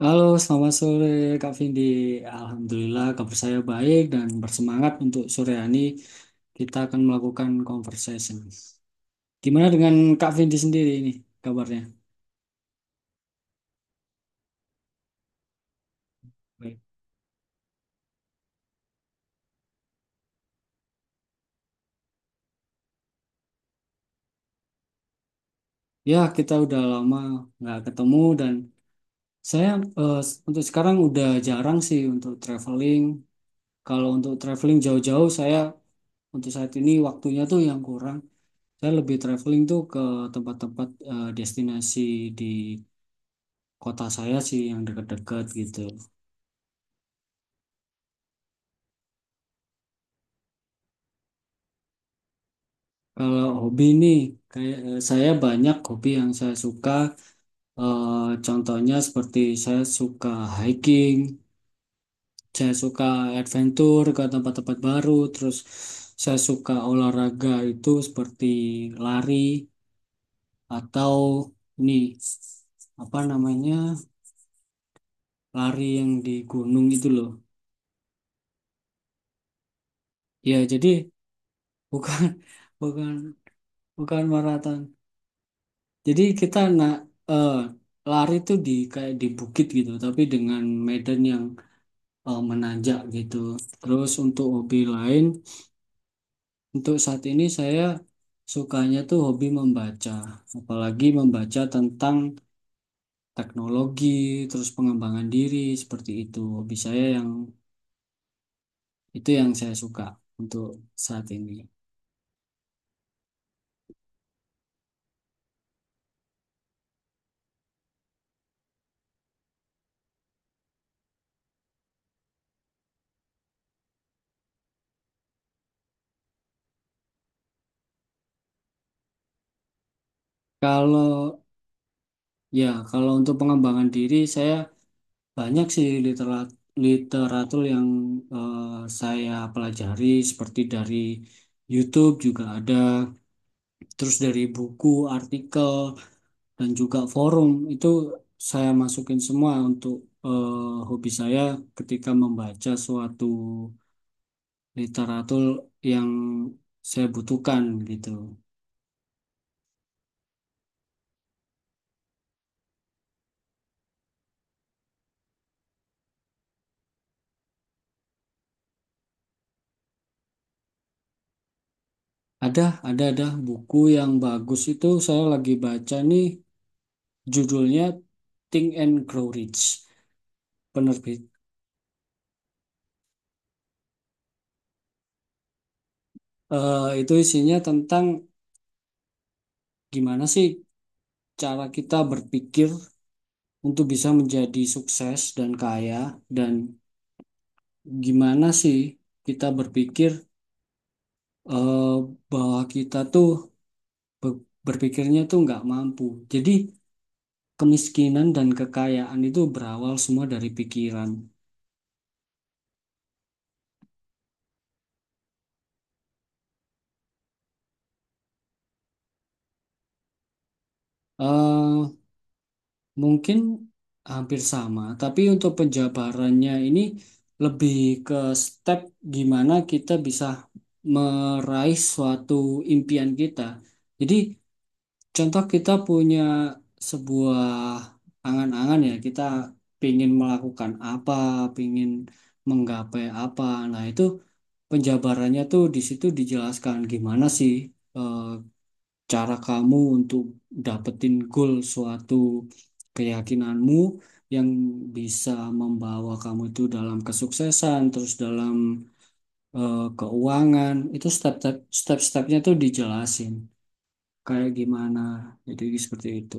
Halo, selamat sore Kak Vindi. Alhamdulillah kabar saya baik dan bersemangat untuk sore hari ini kita akan melakukan conversation. Gimana dengan Kak Vindi sendiri ini kabarnya? Baik. Ya, kita udah lama nggak ketemu dan saya eh, untuk sekarang udah jarang sih untuk traveling. Kalau untuk traveling jauh-jauh saya untuk saat ini waktunya tuh yang kurang. Saya lebih traveling tuh ke tempat-tempat destinasi di kota saya sih yang dekat-dekat gitu. Kalau hobi nih, kayak saya banyak hobi yang saya suka. Eh, Contohnya seperti saya suka hiking, saya suka adventure ke tempat-tempat baru, terus saya suka olahraga itu seperti lari atau nih apa namanya lari yang di gunung itu loh. Ya jadi bukan bukan bukan maraton. Jadi kita eh, lari tuh di kayak di bukit gitu, tapi dengan medan yang menanjak gitu. Terus untuk hobi lain, untuk saat ini saya sukanya tuh hobi membaca, apalagi membaca tentang teknologi, terus pengembangan diri seperti itu. Hobi saya yang itu yang saya suka untuk saat ini. Kalau kalau untuk pengembangan diri saya banyak sih literatur yang eh, saya pelajari seperti dari YouTube juga ada, terus dari buku, artikel, dan juga forum itu saya masukin semua untuk hobi saya ketika membaca suatu literatur yang saya butuhkan gitu. Ada, ada buku yang bagus itu saya lagi baca nih judulnya Think and Grow Rich. Penerbit Eh, itu isinya tentang gimana sih cara kita berpikir untuk bisa menjadi sukses dan kaya, dan gimana sih kita berpikir eh, bahwa kita tuh berpikirnya tuh nggak mampu. Jadi kemiskinan dan kekayaan itu berawal semua dari pikiran. Eh, Mungkin hampir sama, tapi untuk penjabarannya ini lebih ke step gimana kita bisa meraih suatu impian kita. Jadi, contoh kita punya sebuah angan-angan ya, kita pingin melakukan apa, pingin menggapai apa. Nah, itu penjabarannya tuh di situ dijelaskan gimana sih eh, cara kamu untuk dapetin goal suatu keyakinanmu yang bisa membawa kamu itu dalam kesuksesan, terus dalam keuangan, itu step-stepnya tuh dijelasin kayak gimana. Jadi seperti itu.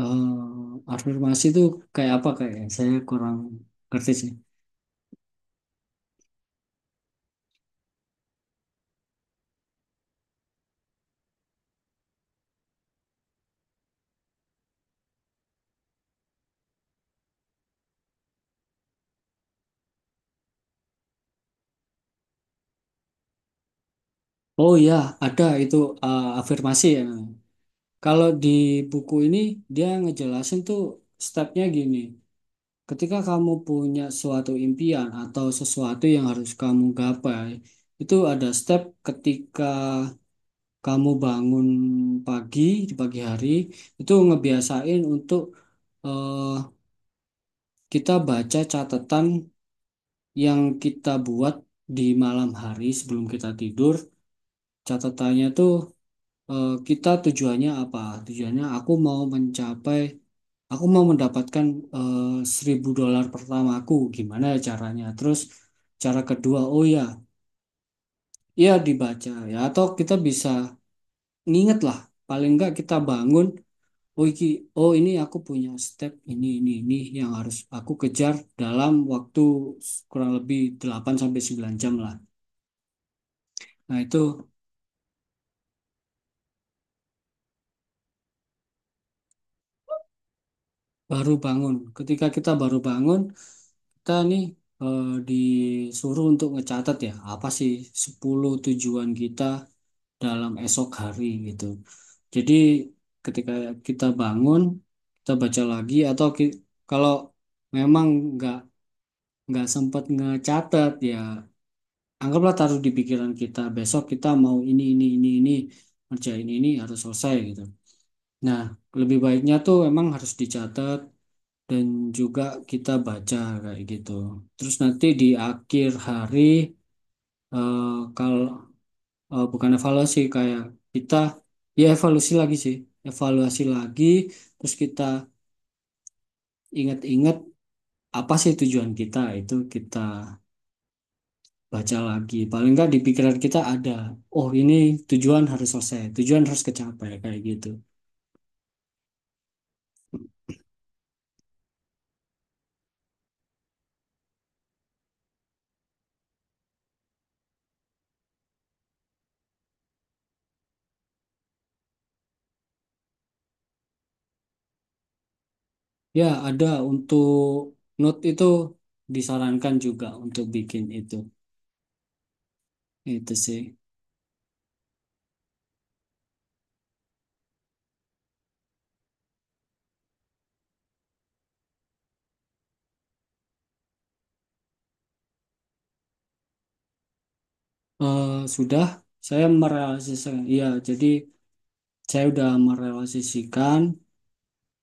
eh afirmasi itu kayak apa kayak ya? Saya kurang ngerti sih. Oh ya, ada itu afirmasi ya. Kalau di buku ini dia ngejelasin tuh stepnya gini. Ketika kamu punya suatu impian atau sesuatu yang harus kamu gapai, itu ada step ketika kamu bangun pagi di pagi hari, itu ngebiasain untuk eh, kita baca catatan yang kita buat di malam hari sebelum kita tidur. Catatannya tuh kita tujuannya apa? Tujuannya aku mau mendapatkan eh, $1.000 pertamaku gimana ya caranya, terus cara kedua oh ya, ya dibaca ya, atau kita bisa nginget lah paling nggak kita bangun, oh iki oh ini aku punya step ini yang harus aku kejar dalam waktu kurang lebih 8 sampai 9 jam lah, nah itu baru bangun. Ketika kita baru bangun, kita nih eh, disuruh untuk ngecatat ya, apa sih 10 tujuan kita dalam esok hari gitu. Jadi ketika kita bangun, kita baca lagi atau kalau memang nggak nggak sempat ngecatat ya, anggaplah taruh di pikiran kita besok kita mau ini kerja ini harus selesai gitu. Nah, lebih baiknya tuh memang harus dicatat dan juga kita baca kayak gitu. Terus nanti di akhir hari eh kalau bukan evaluasi kayak kita, ya evaluasi lagi sih, evaluasi lagi. Terus kita ingat-ingat apa sih tujuan kita, itu kita baca lagi. Paling nggak di pikiran kita ada, oh ini tujuan harus selesai, tujuan harus kecapai kayak gitu. Ya, ada, untuk note itu disarankan juga untuk bikin itu. Itu sih. Eh, sudah, saya merealisasikan. Iya, jadi saya udah merealisasikan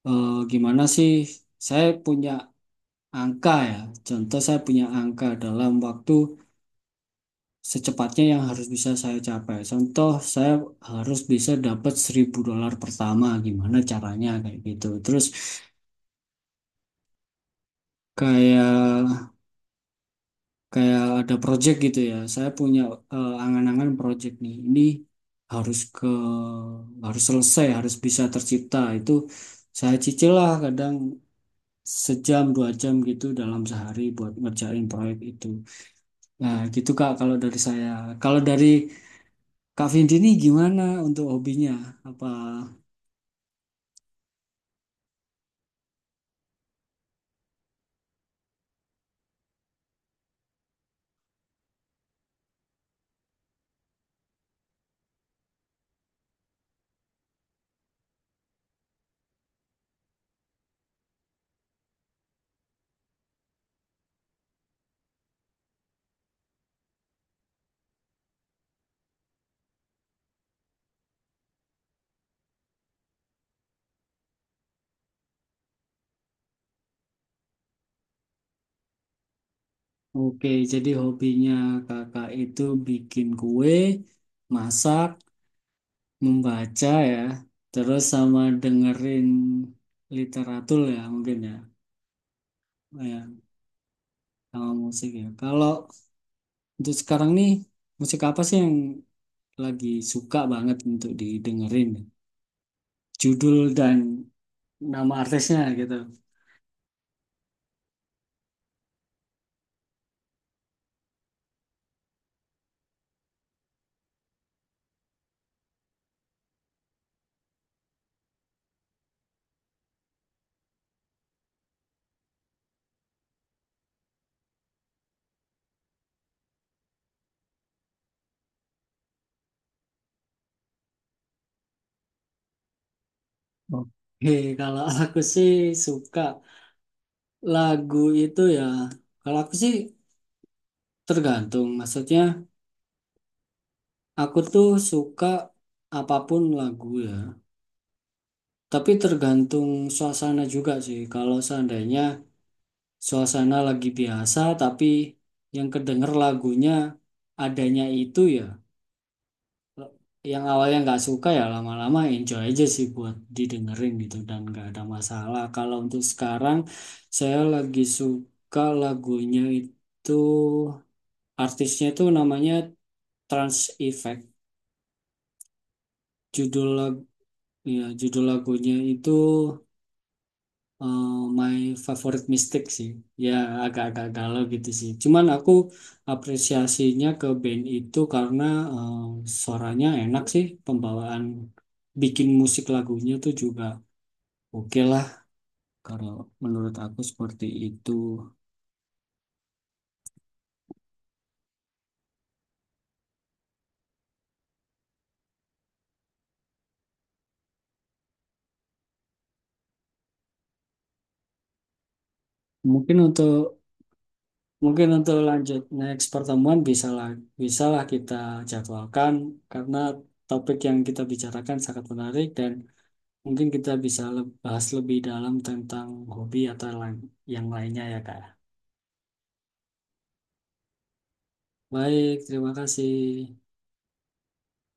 gimana sih saya punya angka ya. Contoh saya punya angka dalam waktu secepatnya yang harus bisa saya capai. Contoh saya harus bisa dapat $1.000 pertama. Gimana caranya kayak gitu. Terus kayak kayak ada project gitu ya. Saya punya angan-angan project nih. Ini harus ke harus selesai, harus bisa tercipta. Itu saya cicil lah kadang 1 jam 2 jam gitu dalam sehari buat ngerjain proyek itu. Nah, gitu Kak kalau dari saya. Kalau dari Kak Vindi ini gimana untuk hobinya? Apa. Oke, jadi hobinya Kakak itu bikin kue, masak, membaca ya, terus sama dengerin literatur ya mungkin ya, ya sama musik ya. Kalau untuk sekarang nih, musik apa sih yang lagi suka banget untuk didengerin? Judul dan nama artisnya gitu. Oke, kalau aku sih suka lagu itu ya. Kalau aku sih tergantung, maksudnya aku tuh suka apapun lagu ya. Tapi tergantung suasana juga sih. Kalau seandainya suasana lagi biasa, tapi yang kedenger lagunya adanya itu ya, yang awalnya nggak suka ya lama-lama enjoy aja sih buat didengerin gitu dan nggak ada masalah. Kalau untuk sekarang, saya lagi suka lagunya itu, artisnya itu namanya Trans Effect. Judul lag- ya, judul lagunya itu eh, My Favorite Mystic sih. Ya agak-agak galau gitu sih. Cuman aku apresiasinya ke band itu karena eh, suaranya enak sih. Pembawaan bikin musik lagunya tuh juga oke lah. Kalau menurut aku seperti itu. Mungkin untuk mungkin untuk lanjut next pertemuan bisalah kita jadwalkan karena topik yang kita bicarakan sangat menarik, dan mungkin kita bisa bahas lebih dalam tentang hobi atau yang lainnya ya, Kak. Baik, terima kasih.